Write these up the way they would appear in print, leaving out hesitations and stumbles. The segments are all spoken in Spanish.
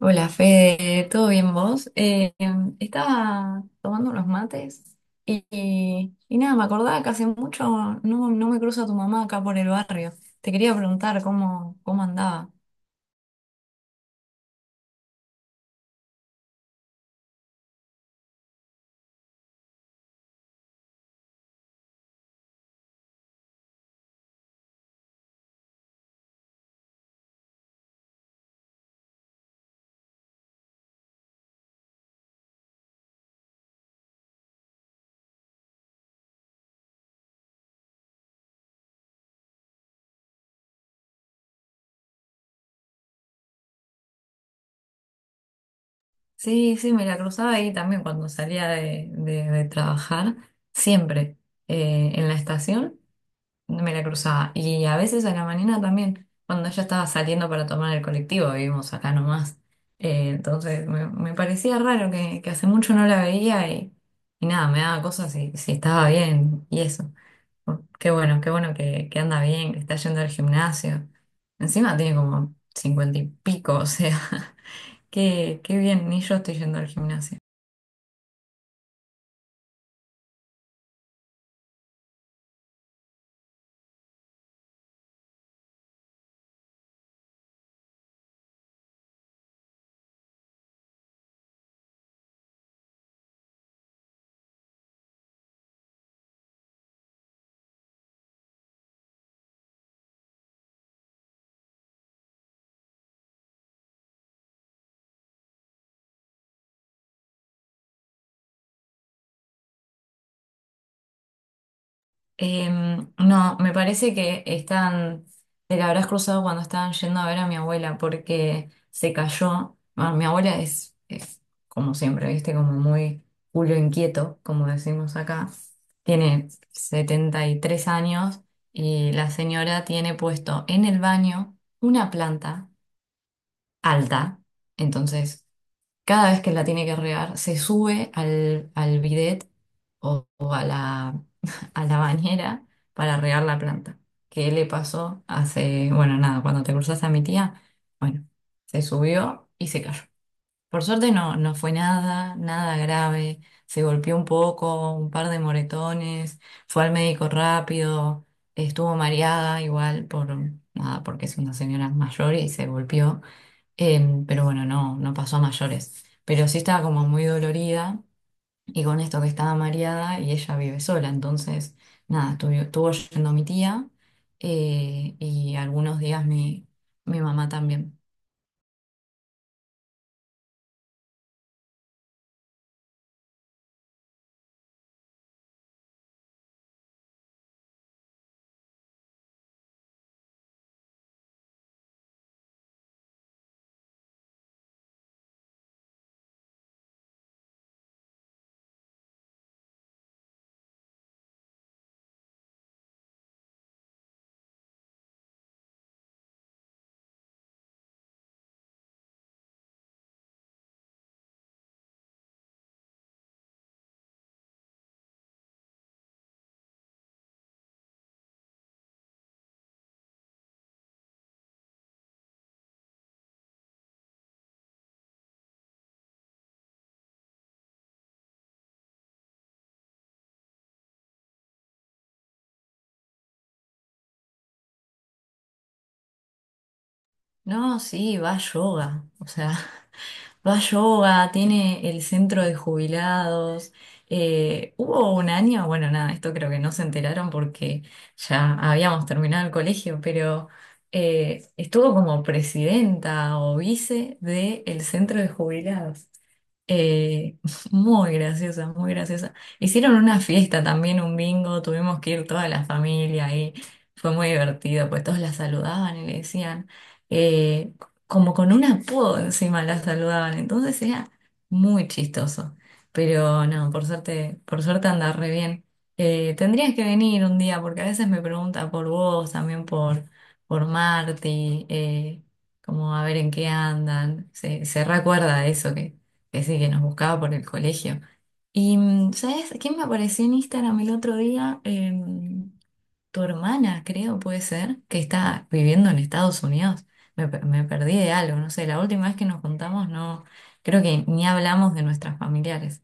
Hola Fede, ¿todo bien vos? Estaba tomando unos mates y, y nada, me acordaba que hace mucho no me cruzo a tu mamá acá por el barrio. Te quería preguntar cómo andaba. Sí, sí, me la cruzaba ahí también cuando salía de, de trabajar, siempre en la estación. Me la cruzaba. Y a veces a la mañana también, cuando ella estaba saliendo para tomar el colectivo, vivimos acá nomás. Entonces me parecía raro que hace mucho no la veía y nada, me daba cosas si estaba bien y eso. Oh, qué bueno, qué bueno que anda bien, que está yendo al gimnasio. Encima tiene como cincuenta y pico, o sea, qué, qué bien, ni yo estoy yendo al gimnasio. No, me parece que están, te la habrás cruzado cuando estaban yendo a ver a mi abuela porque se cayó. Bueno, mi abuela es, como siempre, viste, como muy culo inquieto, como decimos acá. Tiene 73 años y la señora tiene puesto en el baño una planta alta. Entonces, cada vez que la tiene que regar, se sube al bidet o a la, a la bañera para regar la planta. ¿Qué le pasó hace, bueno, nada, cuando te cruzaste a mi tía? Bueno, se subió y se cayó. Por suerte no, no fue nada, nada grave. Se golpeó un poco, un par de moretones, fue al médico rápido, estuvo mareada igual por nada, porque es una señora mayor y se golpeó. Pero bueno, no, no pasó a mayores. Pero sí estaba como muy dolorida y con esto que estaba mareada y ella vive sola, entonces, nada, estuvo, estuvo yendo mi tía, y algunos días mi mamá también. No, sí, va a yoga, o sea, va a yoga, tiene el centro de jubilados. Hubo un año, bueno, nada, esto creo que no se enteraron porque ya habíamos terminado el colegio, pero estuvo como presidenta o vice del centro de jubilados. Eh, muy graciosa, muy graciosa. Hicieron una fiesta también, un bingo, tuvimos que ir toda la familia ahí. Fue muy divertido, pues todos la saludaban y le decían, eh, como con un apodo encima la saludaban, entonces era muy chistoso. Pero no, por suerte anda re bien. Tendrías que venir un día, porque a veces me pregunta por vos, también por Marti, como a ver en qué andan. Se recuerda de eso que ese que nos buscaba por el colegio. Y, mm, ¿sabes quién me apareció en Instagram el otro día? Tu hermana, creo, puede ser, que está viviendo en Estados Unidos. Me perdí de algo, no sé, la última vez que nos juntamos no, creo que ni hablamos de nuestras familiares.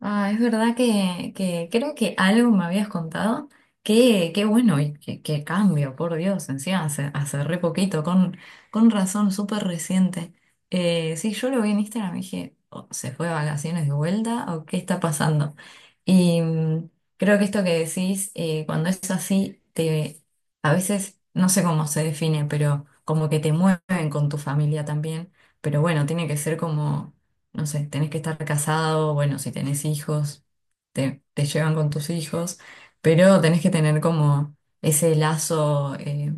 Ah, es verdad que creo que algo me habías contado. Qué, qué bueno y qué, qué cambio, por Dios, encima hace, hace re poquito, con razón, súper reciente. Sí, yo lo vi en Instagram y dije, "Oh, ¿se fue de vacaciones de vuelta o qué está pasando? Y mm, creo que esto que decís, cuando es así, te, a veces, no sé cómo se define, pero como que te mueven con tu familia también. Pero bueno, tiene que ser como no sé, tenés que estar casado, bueno, si tenés hijos, te llevan con tus hijos, pero tenés que tener como ese lazo,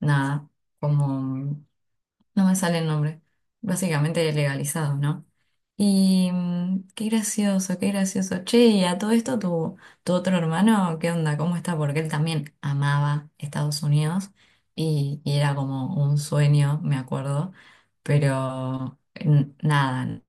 nada, como, no me sale el nombre, básicamente legalizado, ¿no? Y mm, qué gracioso, qué gracioso. Che, y a todo esto, tu otro hermano, ¿qué onda? ¿Cómo está? Porque él también amaba Estados Unidos y era como un sueño, me acuerdo, pero nada.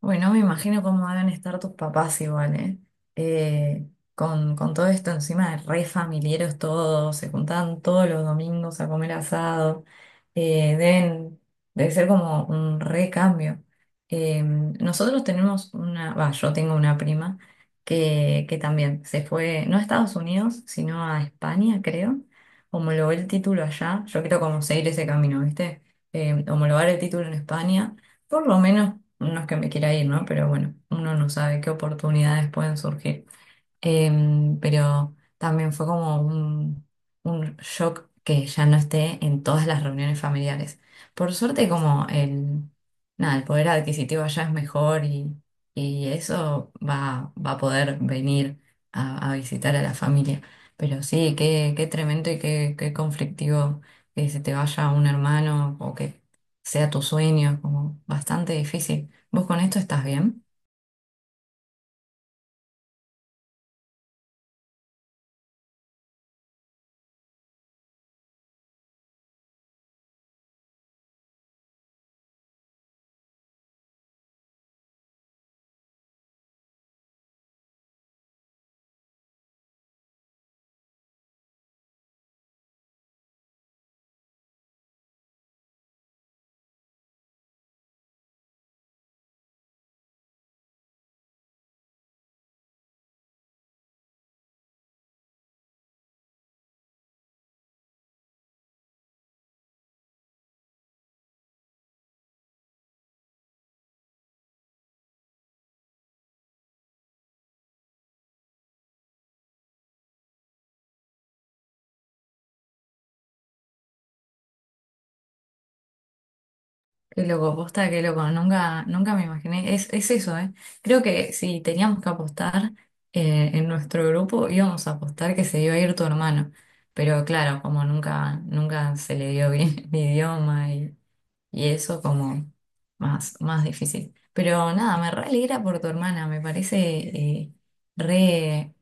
Bueno, me imagino cómo deben estar tus papás igual, ¿eh? Eh, con todo esto encima de re familiares todos, se juntaban todos los domingos a comer asado, eh, debe ser como un re cambio. Nosotros tenemos una, va, yo tengo una prima que también se fue, no a Estados Unidos, sino a España, creo, homologó el título allá, yo quiero como seguir ese camino, ¿viste? Homologar el título en España por lo menos, no es que me quiera ir, ¿no? Pero bueno, uno no sabe qué oportunidades pueden surgir. Pero también fue como un shock que ya no esté en todas las reuniones familiares. Por suerte, como nada, el poder adquisitivo allá es mejor y eso va a poder venir a visitar a la familia. Pero sí, qué, qué tremendo y qué, qué conflictivo que se te vaya un hermano o que sea tu sueño, como bastante difícil. ¿Vos con esto estás bien? Qué loco, posta, qué loco. Nunca, nunca me imaginé. Es eso, ¿eh? Creo que si teníamos que apostar en nuestro grupo, íbamos a apostar que se iba a ir tu hermano. Pero claro, como nunca, nunca se le dio bien el idioma y eso, como más, más difícil. Pero nada, me re alegra por tu hermana. Me parece re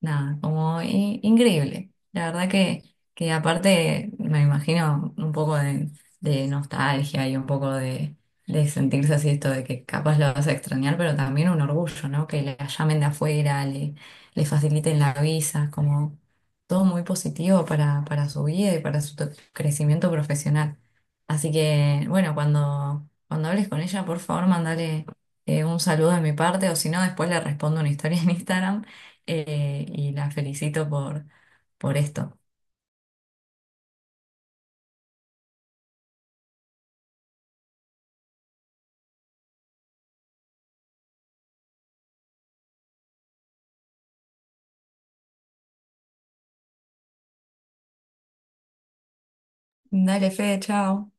nada, como increíble. La verdad que aparte me imagino un poco de nostalgia y un poco de sentirse así esto de que capaz lo vas a extrañar, pero también un orgullo, ¿no? Que la llamen de afuera, le faciliten la visa, como todo muy positivo para su vida y para su crecimiento profesional. Así que, bueno, cuando hables con ella, por favor, mandale un saludo de mi parte, o si no, después le respondo una historia en Instagram y la felicito por esto. Dale, Fede, chao.